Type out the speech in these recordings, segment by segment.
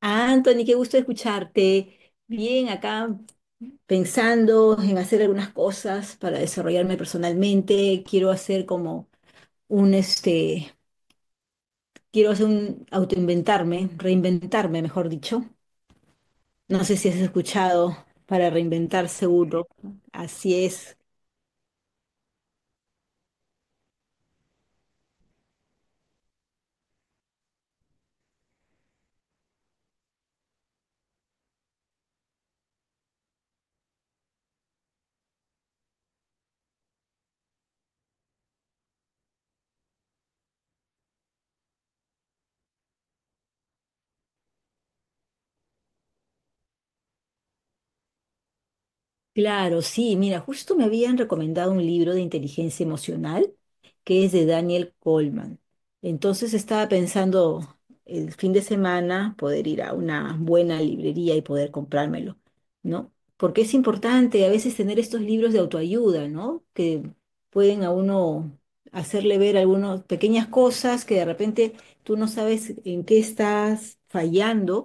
Ah, Anthony, qué gusto escucharte. Bien, acá pensando en hacer algunas cosas para desarrollarme personalmente. Quiero hacer como un, este, quiero hacer un autoinventarme, reinventarme, mejor dicho. No sé si has escuchado para reinventar seguro. Así es. Claro, sí, mira, justo me habían recomendado un libro de inteligencia emocional que es de Daniel Goleman. Entonces estaba pensando el fin de semana poder ir a una buena librería y poder comprármelo, ¿no? Porque es importante a veces tener estos libros de autoayuda, ¿no? Que pueden a uno hacerle ver algunas pequeñas cosas que de repente tú no sabes en qué estás fallando,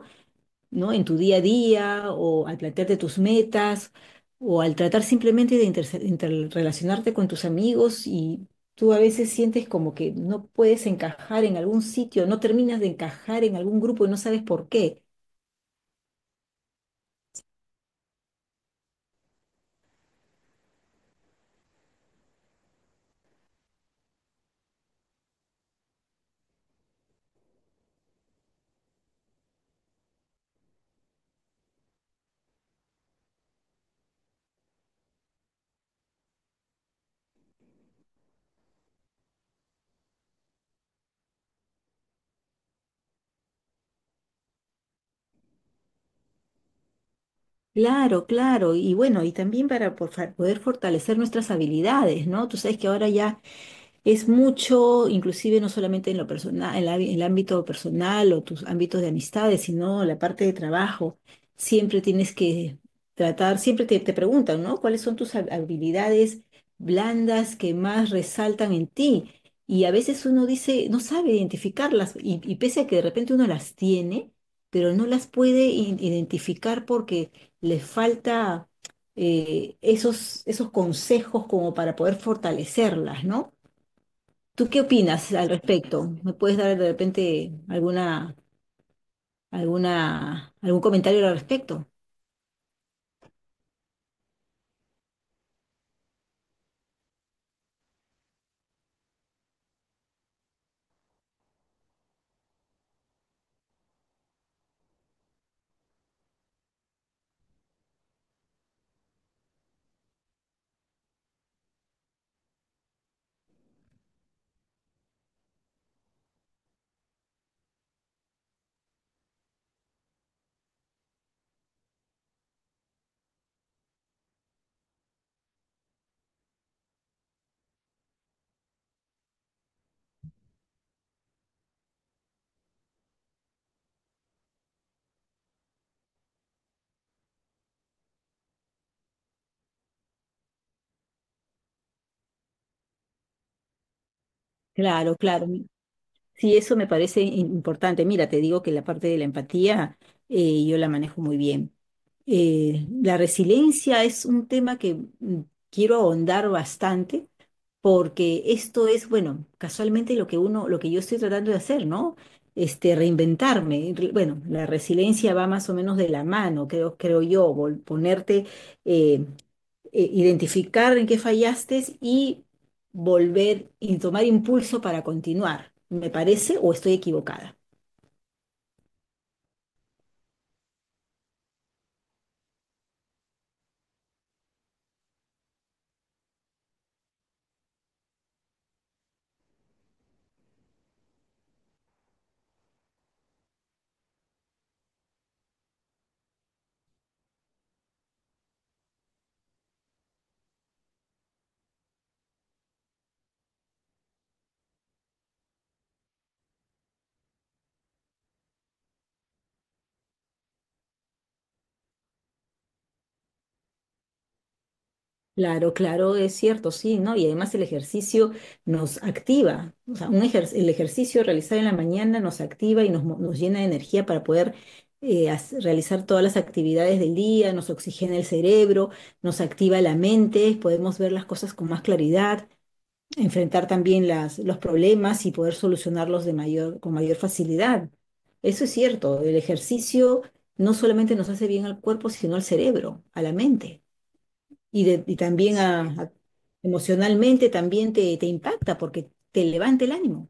¿no? En tu día a día o al plantearte tus metas o al tratar simplemente de interrelacionarte con tus amigos y tú a veces sientes como que no puedes encajar en algún sitio, no terminas de encajar en algún grupo y no sabes por qué. Claro, claro, y bueno, y también para poder fortalecer nuestras habilidades, ¿no? Tú sabes que ahora ya es mucho, inclusive no solamente en lo personal, en en el ámbito personal o tus ámbitos de amistades, sino la parte de trabajo. Siempre tienes que tratar, siempre te preguntan, ¿no? ¿Cuáles son tus habilidades blandas que más resaltan en ti? Y a veces uno dice, no sabe identificarlas, y pese a que de repente uno las tiene, pero no las puede identificar porque le falta esos, esos consejos como para poder fortalecerlas, ¿no? ¿Tú qué opinas al respecto? ¿Me puedes dar de repente alguna, alguna, algún comentario al respecto? Claro, claro. Sí, eso me parece importante. Mira, te digo que la parte de la empatía yo la manejo muy bien. La resiliencia es un tema que mm, quiero ahondar bastante, porque esto es, bueno, casualmente lo que uno, lo que yo estoy tratando de hacer, ¿no? Este, reinventarme. Bueno, la resiliencia va más o menos de la mano, creo, creo yo, ponerte, eh, identificar en qué fallaste y volver y tomar impulso para continuar. ¿Me parece o estoy equivocada? Claro, claro, es cierto, sí, ¿no? Y además el ejercicio nos activa, o sea, un el ejercicio realizado en la mañana nos activa y nos llena de energía para poder realizar todas las actividades del día, nos oxigena el cerebro, nos activa la mente, podemos ver las cosas con más claridad, enfrentar también los problemas y poder solucionarlos de mayor, con mayor facilidad. Eso es cierto, el ejercicio no solamente nos hace bien al cuerpo, sino al cerebro, a la mente. Y también emocionalmente también te impacta porque te levanta el ánimo.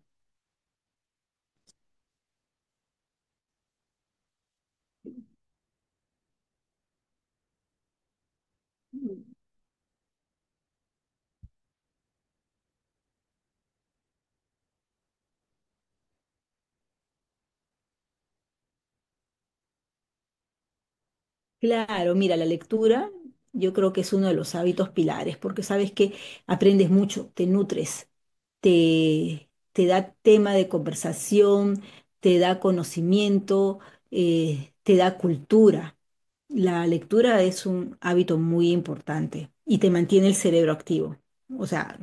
Claro, mira, la lectura yo creo que es uno de los hábitos pilares, porque sabes que aprendes mucho, te nutres, te da tema de conversación, te da conocimiento, te da cultura. La lectura es un hábito muy importante y te mantiene el cerebro activo. O sea,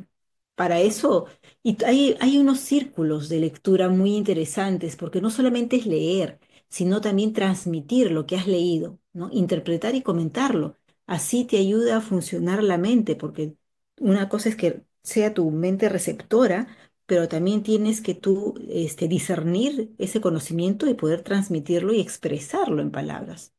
para eso, y hay, hay unos círculos de lectura muy interesantes, porque no solamente es leer, sino también transmitir lo que has leído, ¿no? Interpretar y comentarlo. Así te ayuda a funcionar la mente, porque una cosa es que sea tu mente receptora, pero también tienes que tú, este, discernir ese conocimiento y poder transmitirlo y expresarlo en palabras.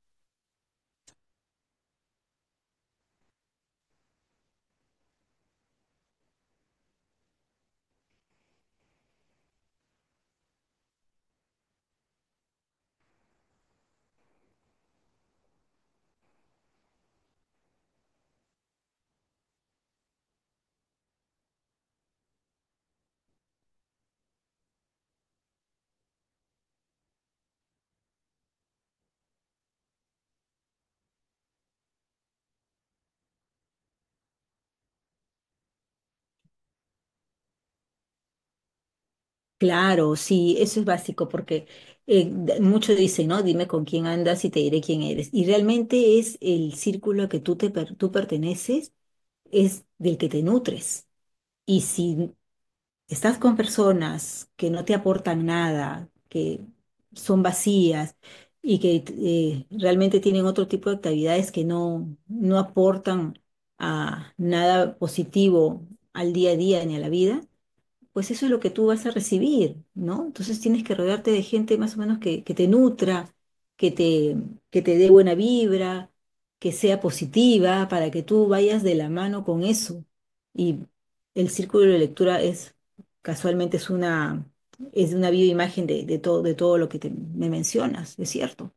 Claro, sí, eso es básico, porque muchos dicen, ¿no? Dime con quién andas y te diré quién eres. Y realmente es el círculo que tú, tú perteneces, es del que te nutres. Y si estás con personas que no te aportan nada, que son vacías y que realmente tienen otro tipo de actividades que no aportan a nada positivo al día a día ni a la vida, pues eso es lo que tú vas a recibir, ¿no? Entonces tienes que rodearte de gente más o menos que te nutra, que te, que te dé buena vibra, que sea positiva, para que tú vayas de la mano con eso. Y el círculo de lectura es, casualmente, es una bioimagen de todo lo que me mencionas, es cierto.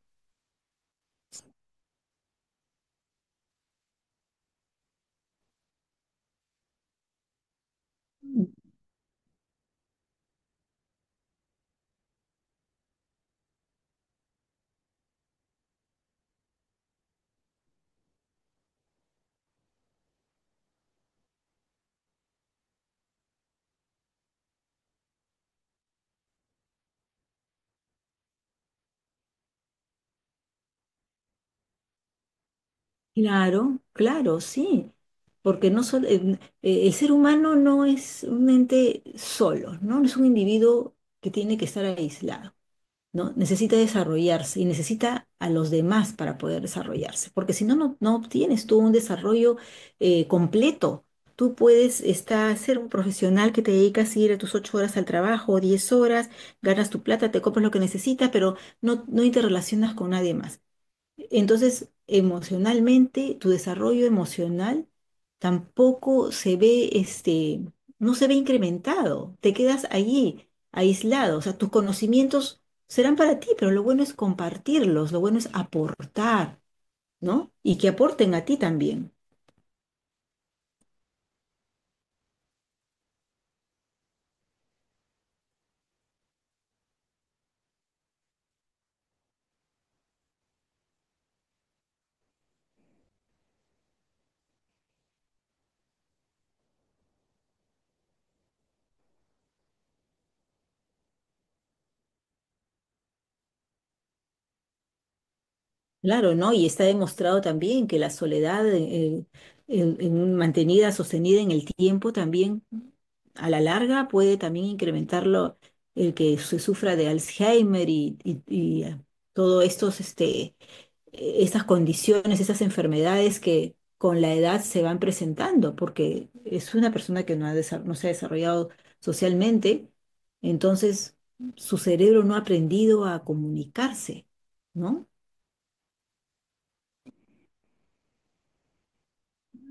Claro, claro, sí, porque no sol- en- el ser humano no es un ente solo, ¿no? No es un individuo que tiene que estar aislado, ¿no? Necesita desarrollarse y necesita a los demás para poder desarrollarse, porque si no, no obtienes tú un desarrollo completo. Tú puedes estar, ser un profesional que te dedicas a ir a tus 8 horas al trabajo, 10 horas, ganas tu plata, te compras lo que necesitas, pero no interrelacionas con nadie más. Entonces, emocionalmente, tu desarrollo emocional tampoco se ve, este, no se ve incrementado. Te quedas allí, aislado. O sea, tus conocimientos serán para ti, pero lo bueno es compartirlos, lo bueno es aportar, ¿no? Y que aporten a ti también. Claro, ¿no? Y está demostrado también que la soledad, mantenida, sostenida en el tiempo, también a la larga puede también incrementarlo el que se sufra de Alzheimer todo estos, este, estas condiciones, esas enfermedades que con la edad se van presentando, porque es una persona que no ha desa- no se ha desarrollado socialmente, entonces su cerebro no ha aprendido a comunicarse, ¿no?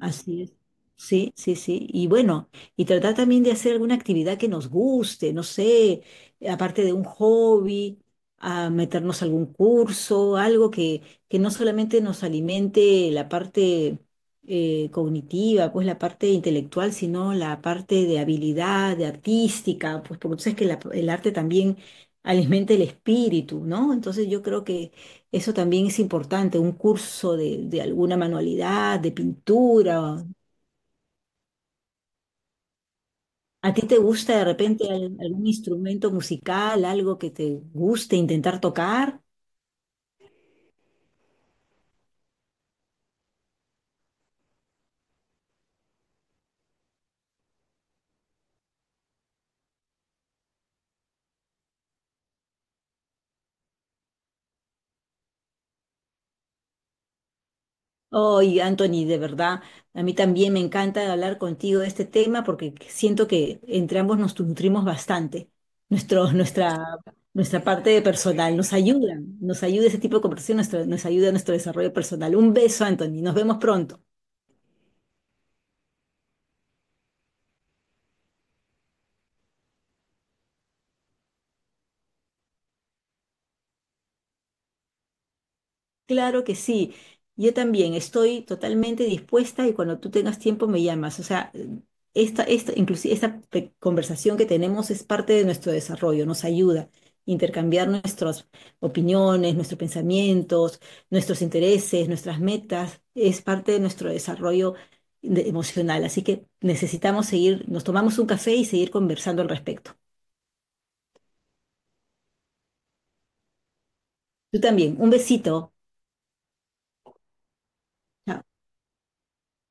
Así es. Sí, sí, sí. Y bueno, y tratar también de hacer alguna actividad que nos guste, no sé, aparte de un hobby, a meternos a algún curso, algo que no solamente nos alimente la parte cognitiva, pues la parte intelectual, sino la parte de habilidad, de artística, pues porque tú sabes que el arte también alimenta el espíritu, ¿no? Entonces yo creo que eso también es importante, un curso de alguna manualidad, de pintura. ¿A ti te gusta de repente algún instrumento musical, algo que te guste intentar tocar? Ay, Anthony, de verdad, a mí también me encanta hablar contigo de este tema porque siento que entre ambos nos nutrimos bastante. Nuestro, nuestra, nuestra parte de personal nos ayuda ese tipo de conversación, nos ayuda a nuestro desarrollo personal. Un beso, Anthony, nos vemos pronto. Claro que sí. Yo también estoy totalmente dispuesta y cuando tú tengas tiempo me llamas. O sea, inclusive esta conversación que tenemos es parte de nuestro desarrollo, nos ayuda a intercambiar nuestras opiniones, nuestros pensamientos, nuestros intereses, nuestras metas. Es parte de nuestro desarrollo emocional. Así que necesitamos seguir, nos tomamos un café y seguir conversando al respecto. Tú también. Un besito. Chao.